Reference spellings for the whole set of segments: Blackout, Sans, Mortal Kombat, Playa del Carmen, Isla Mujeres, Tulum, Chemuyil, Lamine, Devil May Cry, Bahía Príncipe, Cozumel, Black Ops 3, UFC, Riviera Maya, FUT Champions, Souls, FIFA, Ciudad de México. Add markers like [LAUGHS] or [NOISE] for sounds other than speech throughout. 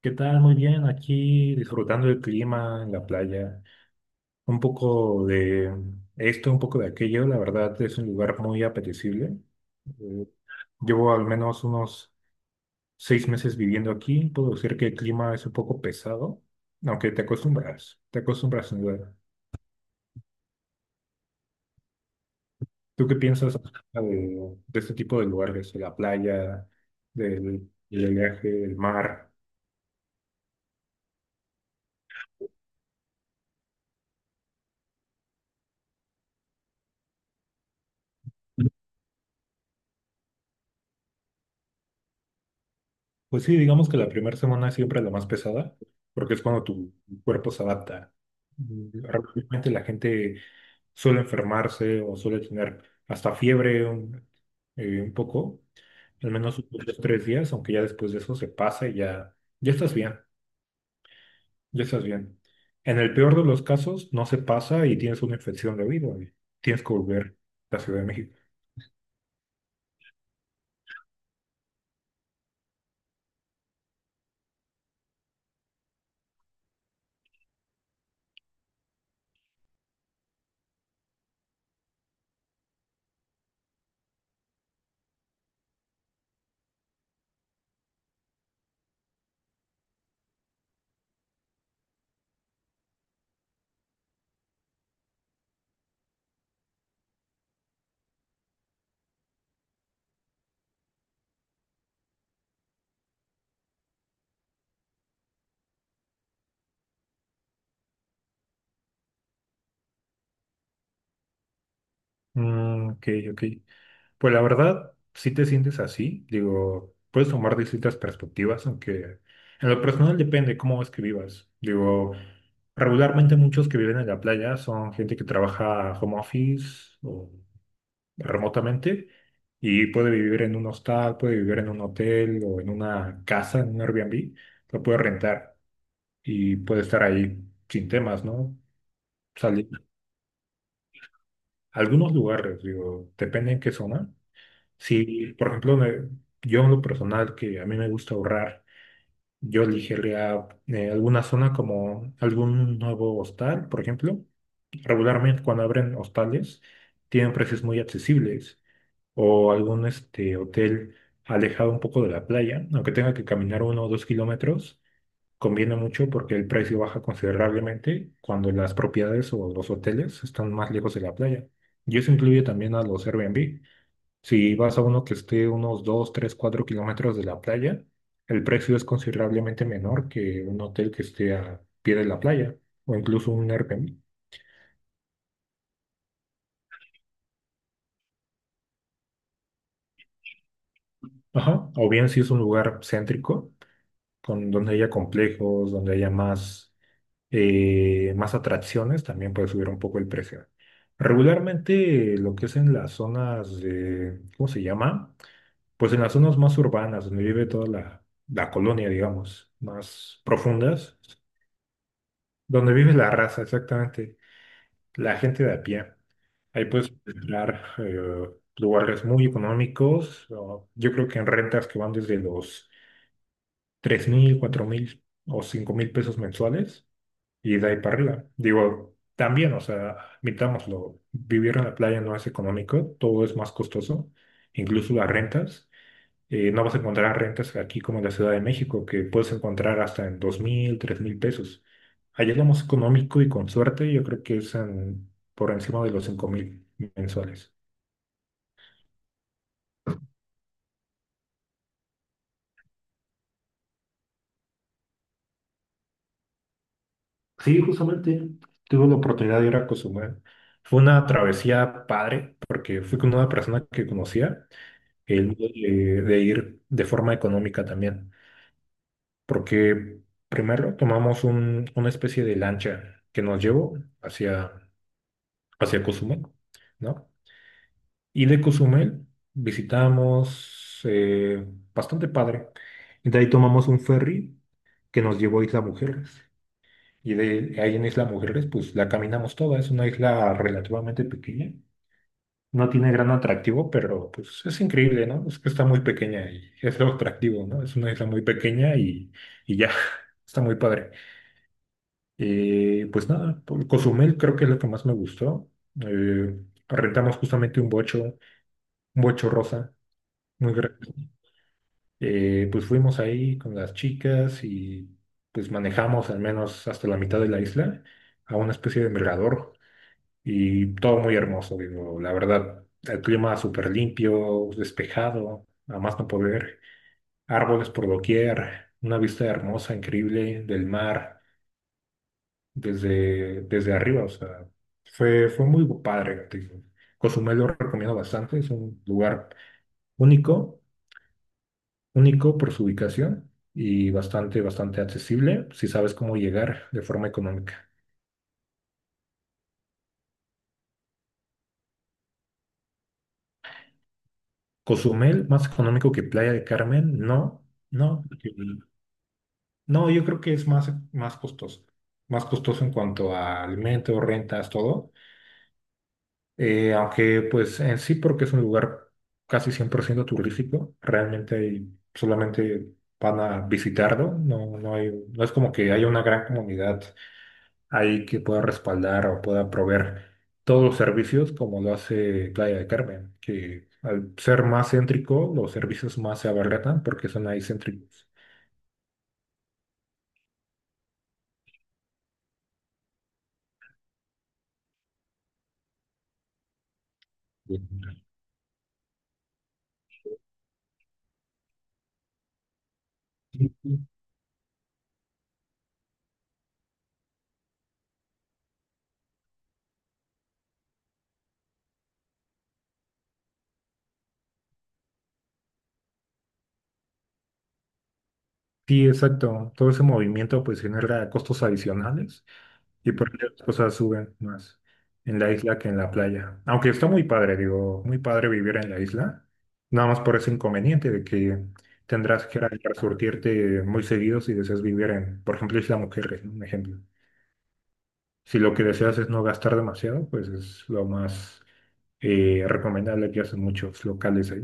¿Qué tal? Muy bien, aquí disfrutando del clima en la playa, un poco de esto, un poco de aquello, la verdad es un lugar muy apetecible. Eh, Llevo al menos unos 6 meses viviendo aquí, puedo decir que el clima es un poco pesado, aunque te acostumbras sin duda. ¿Tú qué piensas acerca de este tipo de lugares, de la playa, del oleaje, del mar? Pues sí, digamos que la primera semana es siempre la más pesada, porque es cuando tu cuerpo se adapta. Realmente la gente suele enfermarse o suele tener hasta fiebre un poco, al menos unos 2, 3 días, aunque ya después de eso se pasa y ya, ya estás bien, ya estás bien. En el peor de los casos no se pasa y tienes una infección de oído y tienes que volver a la Ciudad de México. Mm, ok, ok. Pues la verdad, si te sientes así, digo, puedes tomar distintas perspectivas, aunque en lo personal depende cómo es que vivas. Digo, regularmente muchos que viven en la playa son gente que trabaja home office o remotamente y puede vivir en un hostal, puede vivir en un hotel o en una casa, en un Airbnb, lo puede rentar y puede estar ahí sin temas, ¿no? Salir a algunos lugares, digo, depende en qué zona. Sí, por ejemplo, yo en lo personal, que a mí me gusta ahorrar, yo elegiría alguna zona como algún nuevo hostal, por ejemplo. Regularmente cuando abren hostales tienen precios muy accesibles o algún este, hotel alejado un poco de la playa, aunque tenga que caminar 1 o 2 kilómetros, conviene mucho porque el precio baja considerablemente cuando las propiedades o los hoteles están más lejos de la playa. Y eso incluye también a los Airbnb. Si vas a uno que esté unos 2, 3, 4 kilómetros de la playa, el precio es considerablemente menor que un hotel que esté a pie de la playa o incluso un Airbnb. Ajá. O bien si es un lugar céntrico, con, donde haya complejos, donde haya más atracciones, también puede subir un poco el precio. Regularmente lo que es en las zonas de, ¿cómo se llama? Pues en las zonas más urbanas, donde vive toda la colonia, digamos, más profundas. Donde vive la raza, exactamente. La gente de a pie. Ahí puedes encontrar lugares muy económicos. O yo creo que en rentas que van desde los 3,000, 4,000 o 5,000 pesos mensuales y de ahí para arriba. Digo, también, o sea, admitámoslo, vivir en la playa no es económico, todo es más costoso, incluso las rentas no vas a encontrar rentas aquí como en la Ciudad de México, que puedes encontrar hasta en 2,000, 3,000 pesos. Allá es lo más económico y con suerte, yo creo que es por encima de los 5,000 mensuales. Sí, justamente tuve la oportunidad de ir a Cozumel. Fue una travesía padre, porque fui con una persona que conocía, el de ir de forma económica también, porque primero tomamos una especie de lancha que nos llevó hacia Cozumel, ¿no? Y de Cozumel visitamos bastante padre. Y de ahí tomamos un ferry que nos llevó a Isla Mujeres. Y de ahí en Isla Mujeres, pues la caminamos toda. Es una isla relativamente pequeña. No tiene gran atractivo, pero pues es increíble, ¿no? Es que está muy pequeña y es lo atractivo, ¿no? Es una isla muy pequeña y ya, [LAUGHS] está muy padre. Pues nada, por Cozumel creo que es lo que más me gustó. Eh, rentamos justamente un bocho rosa, muy grande. Pues fuimos ahí con las chicas y pues manejamos al menos hasta la mitad de la isla a una especie de mirador y todo muy hermoso, digo, la verdad, el clima súper limpio, despejado, a más no poder, árboles por doquier, una vista hermosa, increíble del mar desde arriba, o sea, fue muy padre, digo. Cozumel lo recomiendo bastante, es un lugar único único por su ubicación y bastante, bastante accesible si sabes cómo llegar de forma económica. Cozumel, más económico que Playa del Carmen, no, no, no, yo creo que es más costoso, más costoso en cuanto a alimentos, rentas, todo. Aunque pues en sí porque es un lugar casi 100% turístico, realmente solamente van a visitarlo, no, no hay, no es como que haya una gran comunidad ahí que pueda respaldar o pueda proveer todos los servicios como lo hace Playa de Carmen, que al ser más céntrico, los servicios más se abaratan porque son ahí céntricos. Sí, sí, exacto. Todo ese movimiento pues genera costos adicionales y por ende las cosas suben más en la isla que en la playa. Aunque está muy padre, digo, muy padre vivir en la isla. Nada más por ese inconveniente de que tendrás que ir a resurtirte muy seguido si deseas vivir en, por ejemplo, Isla Mujeres, ¿no? Un ejemplo. Si lo que deseas es no gastar demasiado, pues es lo más recomendable que hacen muchos locales ahí.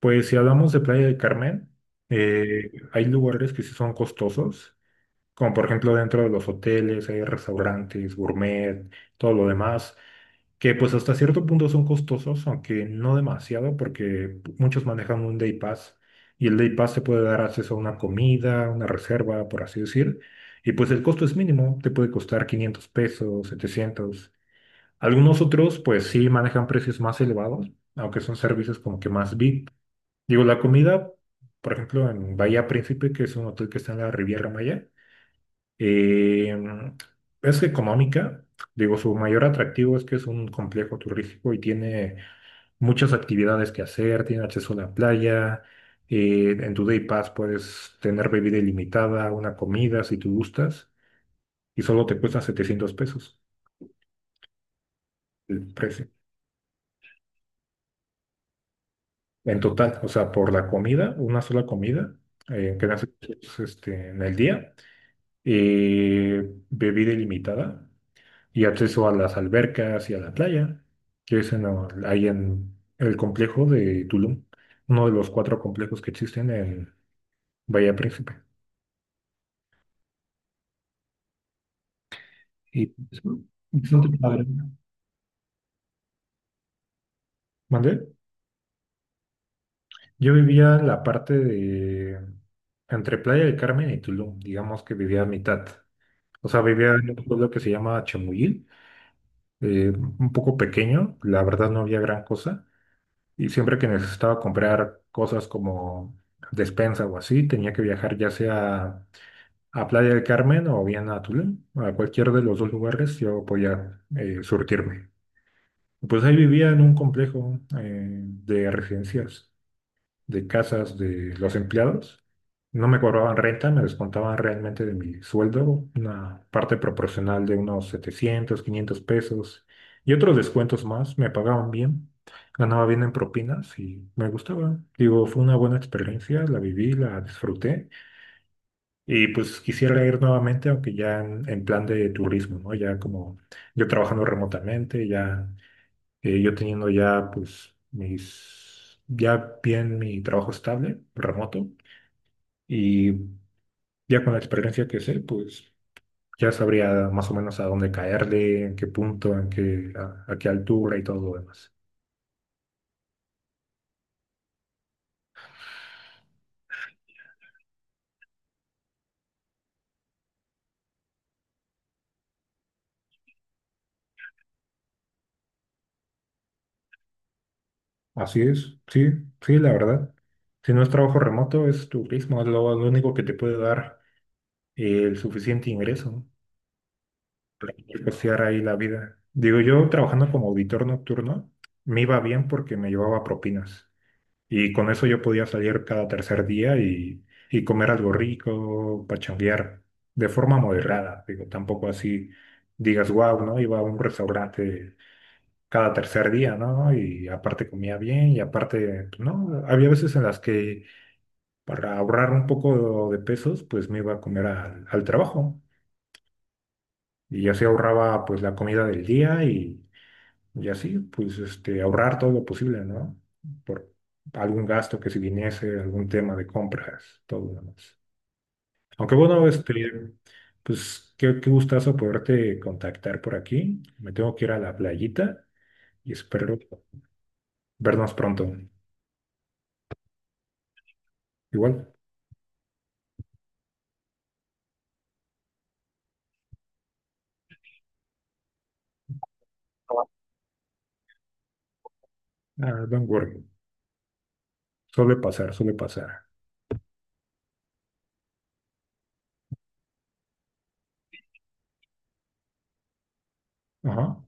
Pues si hablamos de Playa del Carmen, hay lugares que sí son costosos, como por ejemplo dentro de los hoteles, hay restaurantes, gourmet, todo lo demás, que pues hasta cierto punto son costosos, aunque no demasiado, porque muchos manejan un Day Pass y el Day Pass te puede dar acceso a una comida, una reserva, por así decir, y pues el costo es mínimo, te puede costar 500 pesos, 700. Algunos otros pues sí manejan precios más elevados, aunque son servicios como que más VIP. Digo, la comida, por ejemplo, en Bahía Príncipe, que es un hotel que está en la Riviera Maya, eh, es económica, digo, su mayor atractivo es que es un complejo turístico y tiene muchas actividades que hacer, tiene acceso a la playa, en tu Day Pass puedes tener bebida ilimitada, una comida si tú gustas, y solo te cuesta 700 pesos el precio. En total, o sea, por la comida, una sola comida, que nace este, en el día, bebida ilimitada, y acceso a las albercas y a la playa, que es ahí en el complejo de Tulum, uno de los cuatro complejos que existen en Bahía Príncipe. Y es bastante padre. ¿Mandé? Yo vivía en la parte de entre Playa del Carmen y Tulum, digamos que vivía a mitad. O sea, vivía en un pueblo que se llama Chemuyil, un poco pequeño, la verdad no había gran cosa. Y siempre que necesitaba comprar cosas como despensa o así, tenía que viajar ya sea a Playa del Carmen o bien a Tulum. A cualquier de los dos lugares yo podía surtirme. Pues ahí vivía en un complejo de residencias de casas de los empleados. No me cobraban renta, me descontaban realmente de mi sueldo, una parte proporcional de unos 700 500 pesos y otros descuentos más. Me pagaban bien, ganaba bien en propinas y me gustaba. Digo, fue una buena experiencia, la viví, la disfruté y pues quisiera ir nuevamente, aunque ya en plan de turismo, ¿no? Ya como yo trabajando remotamente, ya yo teniendo ya, pues, mis, ya bien mi trabajo estable, remoto, y ya con la experiencia que sé, pues, ya sabría más o menos a dónde caerle, en qué punto, en qué, a qué altura y todo lo demás. Así es, sí, sí, la verdad. Si no es trabajo remoto, es turismo, es lo único que te puede dar el suficiente ingreso, ¿no? Y costear ahí la vida. Digo, yo trabajando como auditor nocturno, me iba bien porque me llevaba propinas. Y con eso yo podía salir cada tercer día y comer algo rico, pachanguear, de forma moderada. Digo, tampoco así digas, wow, ¿no? Iba a un restaurante cada tercer día, ¿no? Y aparte comía bien y aparte, pues, no, había veces en las que para ahorrar un poco de pesos, pues me iba a comer al trabajo. Y así ahorraba pues la comida del día y así, pues este, ahorrar todo lo posible, ¿no? Por algún gasto que si viniese, algún tema de compras, todo lo demás. Aunque bueno, este, pues qué gustazo poderte contactar por aquí. Me tengo que ir a la playita y espero vernos pronto. Igual, ah, don't worry. Suele pasar, suele pasar. Ajá.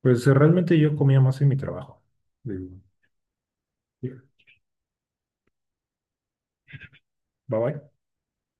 Pues realmente yo comía más en mi trabajo. Digo, bye bye.